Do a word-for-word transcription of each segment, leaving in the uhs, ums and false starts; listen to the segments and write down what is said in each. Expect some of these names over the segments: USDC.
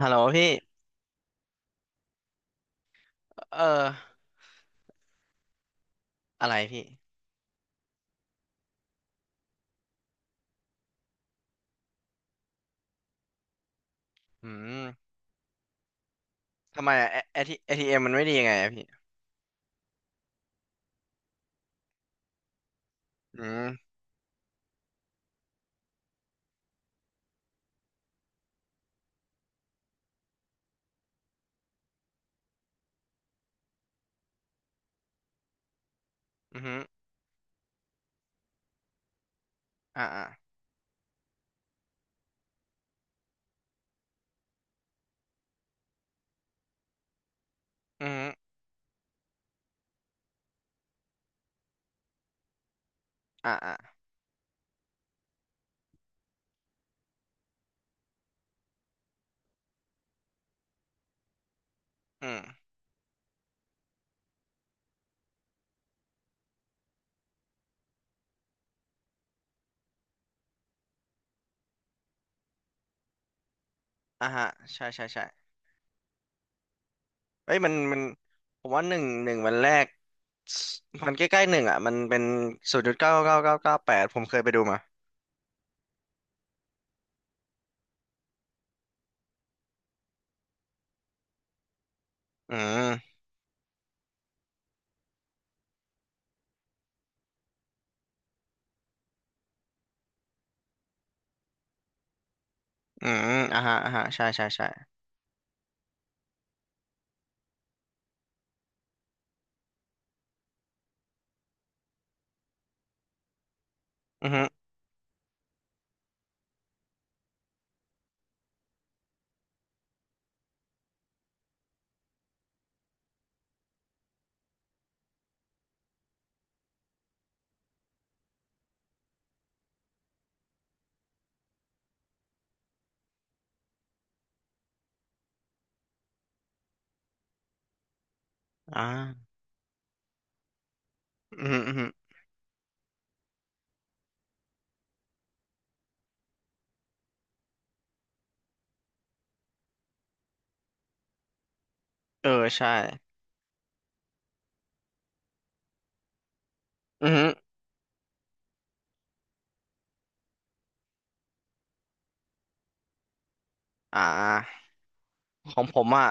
ฮัลโหลพี่เอออะไรพี่อืมทำไมอะเอทีเอทีเอ็มมันไม่ดียังไงอะพี่อืมอือฮึอ่าอ่าอือฮึอ่าอ่าอืมอ่าฮะใช่ใช่ใช่เอ้ยมันมันผมว่าหนึ่งหนึ่งวันแรก มันใกล้ๆหนึ่งอ่ะมันเป็นศูนย์จุดเก้าเก้าเก้าเก้าแปดผมเคยไปดูมาอืมอืมอ่าฮะอ่าฮะใช่ใช่ใช่อือฮึอ่าอือฮึอือฮึเออใช่อือฮึอ่าของผมอ่ะ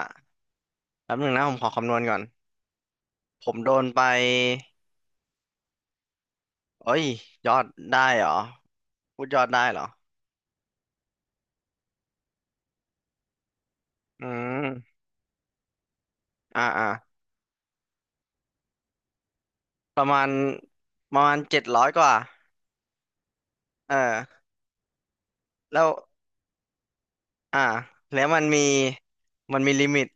แป๊บหนึ่งนะผมขอคำนวณก่อนผมโดนไป เอ้ยยอดได้เหรอพูดยอดได้เหรออืมอ่าอ่าประมาณประมาณเจ็ดร้อยกว่าเออแล้วอ่าแล้วมันมีมันมีลิมิต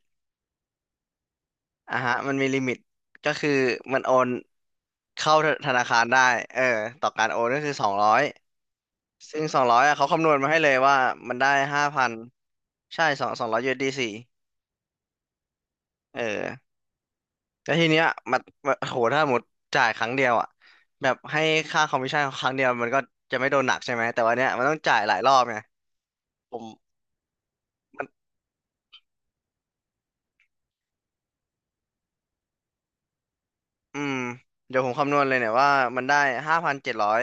อ่ะฮะมันมีลิมิตก็คือมันโอนเข้าธนาคารได้เออต่อการโอนก็คือสองร้อยซึ่งสองร้อยอ่ะเขาคำนวณมาให้เลยว่ามันได้ห้าพันใช่สองสองร้อย ยู เอส ดี ซี เอสดีสี่เออ แล้วทีเนี้ยมันมันโหถ้าหมดจ่ายครั้งเดียวอ่ะแบบให้ค่าคอมมิชชั่นครั้งเดียวมันก็จะไม่โดนหนักใช่ไหม แต่วันเนี้ยมันต้องจ่ายหลายรอบไงผมมันอืมเดี๋ยวผมคำนวณเลยเนี่ยว่ามันได้ห้าพันเจ็ดร้อย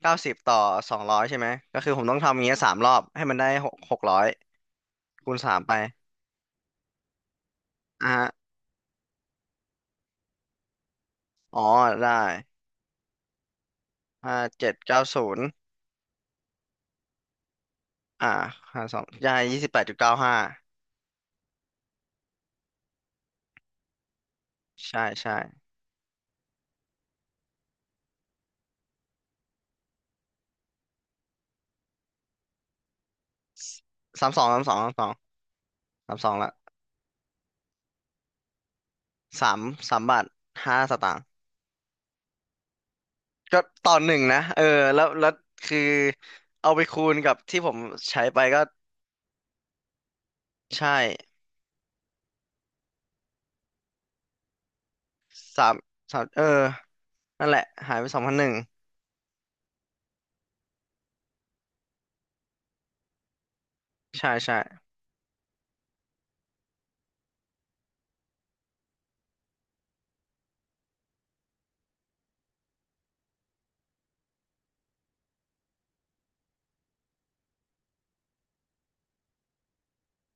เก้าสิบต่อสองร้อยใช่ไหม ก็คือผมต้องทำอย่างเงี้ยสามรอบให้มันได้หกหกร้อยคูณสามไปอ่ะฮะอ๋อได้ห้าเจ็ดเก้าศูนย์อ่าหาสองได้ยี่สิบแปดจุดเก้าห้าใช่ใช่สามสองสามสองสามสองสามสองละสามสามบาทห้าสตางค์ ก็ต่อหนึ่งนะเออแล้วแล้วคือเอาไปคูณกับที่ผมใช้ไปก็ใช่สามสามเออนั่นแหละหายไปสองพันหนึ่งใช่ใช่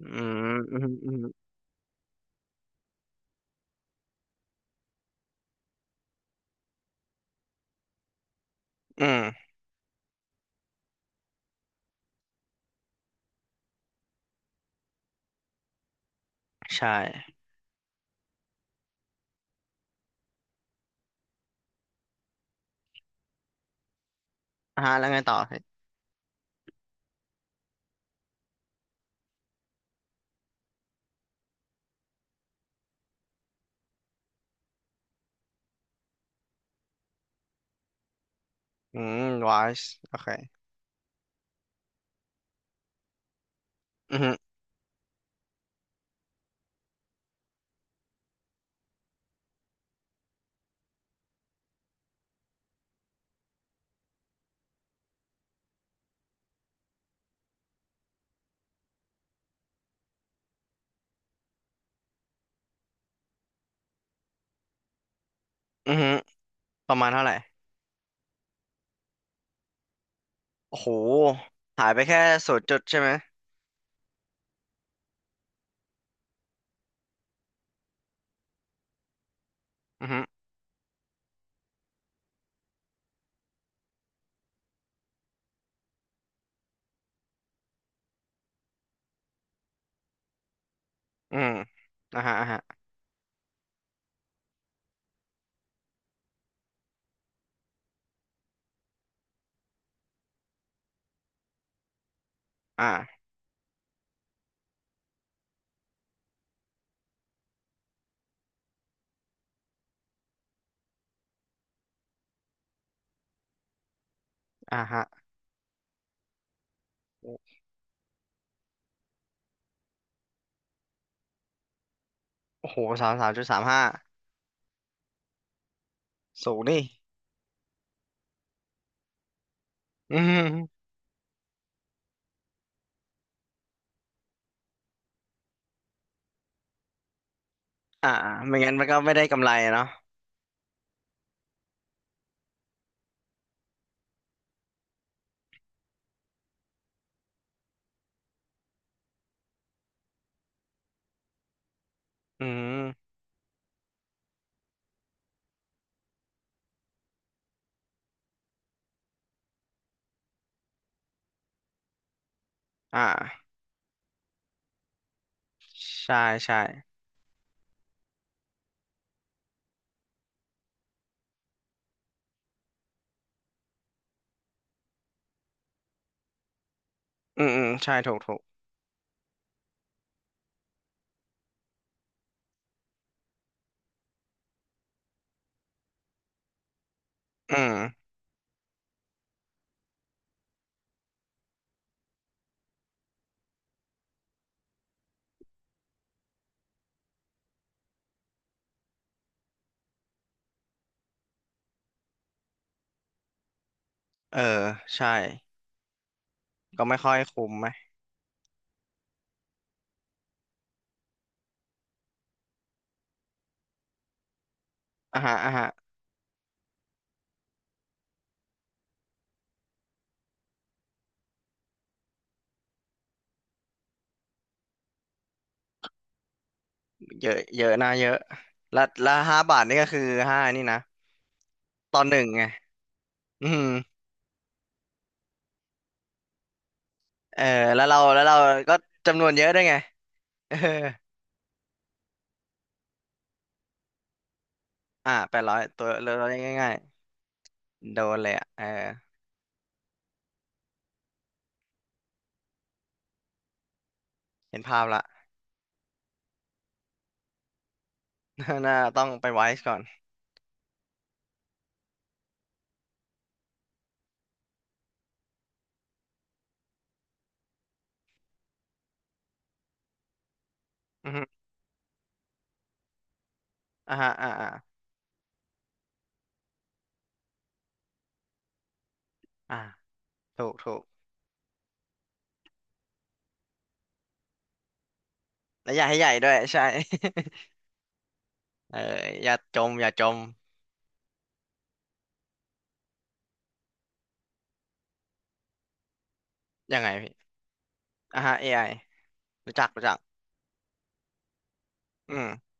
อืมอืมอืมอืมใช่อ่าฮะแล้วไงต่อพี่อืมวายโอเคอืมอหืมอือหืประมาณเท่าไหร่โอ้โหหายไปแค่ศูนย์จุดใช่ไหมอืมอหือืมอ่าฮะอ่าฮะอ่าอ่าฮะโอ้โหสามสามจุดสามห้าสูงนี่อืมอ่าไม่งั้นมันก็ไม่ได้กำไรเนาะ อืมอ่าใช่ใช่อืมอืมใช่ถูกถูกอืมเออใช่ก็ไม่ค่อยคุ้มไหมอ่าฮะอ่าฮะเยอะเยอะนะเยอะและและห้าบาทนี่ก็คือห้านี่นะตอนหนึ่งไงอืมเออแล้วเราแล้วเราก็จำนวนเยอะด้วยไง เอออ่าแปดร้อยตัวเราง่ายๆโดนเลยอ่ะเออเห็นภาพละ น่าต้องไปไวซ์ก่อนอืมอ่าฮะอ่าอ่าอ่าถูกถูกแล้วอย่าให้ใหญ่ด้วยใช่ เอออย่าจมอย่าจม ยังไงพี่อ่ะฮะ เอ ไอ รู้จักรู้จัก อืม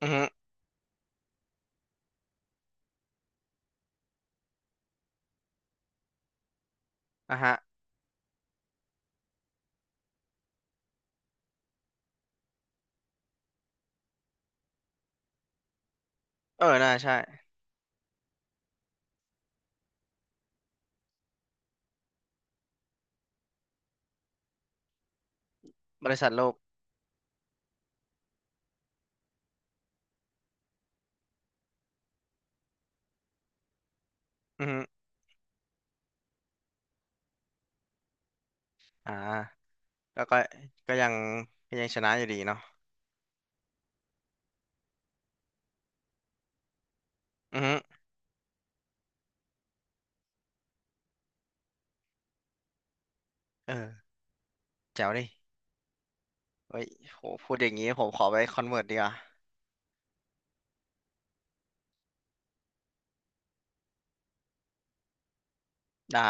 อือฮึอ่ะฮะ เออ น่าใช่ บริษัทโลกอือฮึอ่า แล้วก็ก็ยังก็ยังชนะอยู่ดีเนาะอือฮึเออแจ๋วดิเฮ้ยโหพูดอย่างนี้ผมขอไปคอนเวิร์ตดีกว่า ได้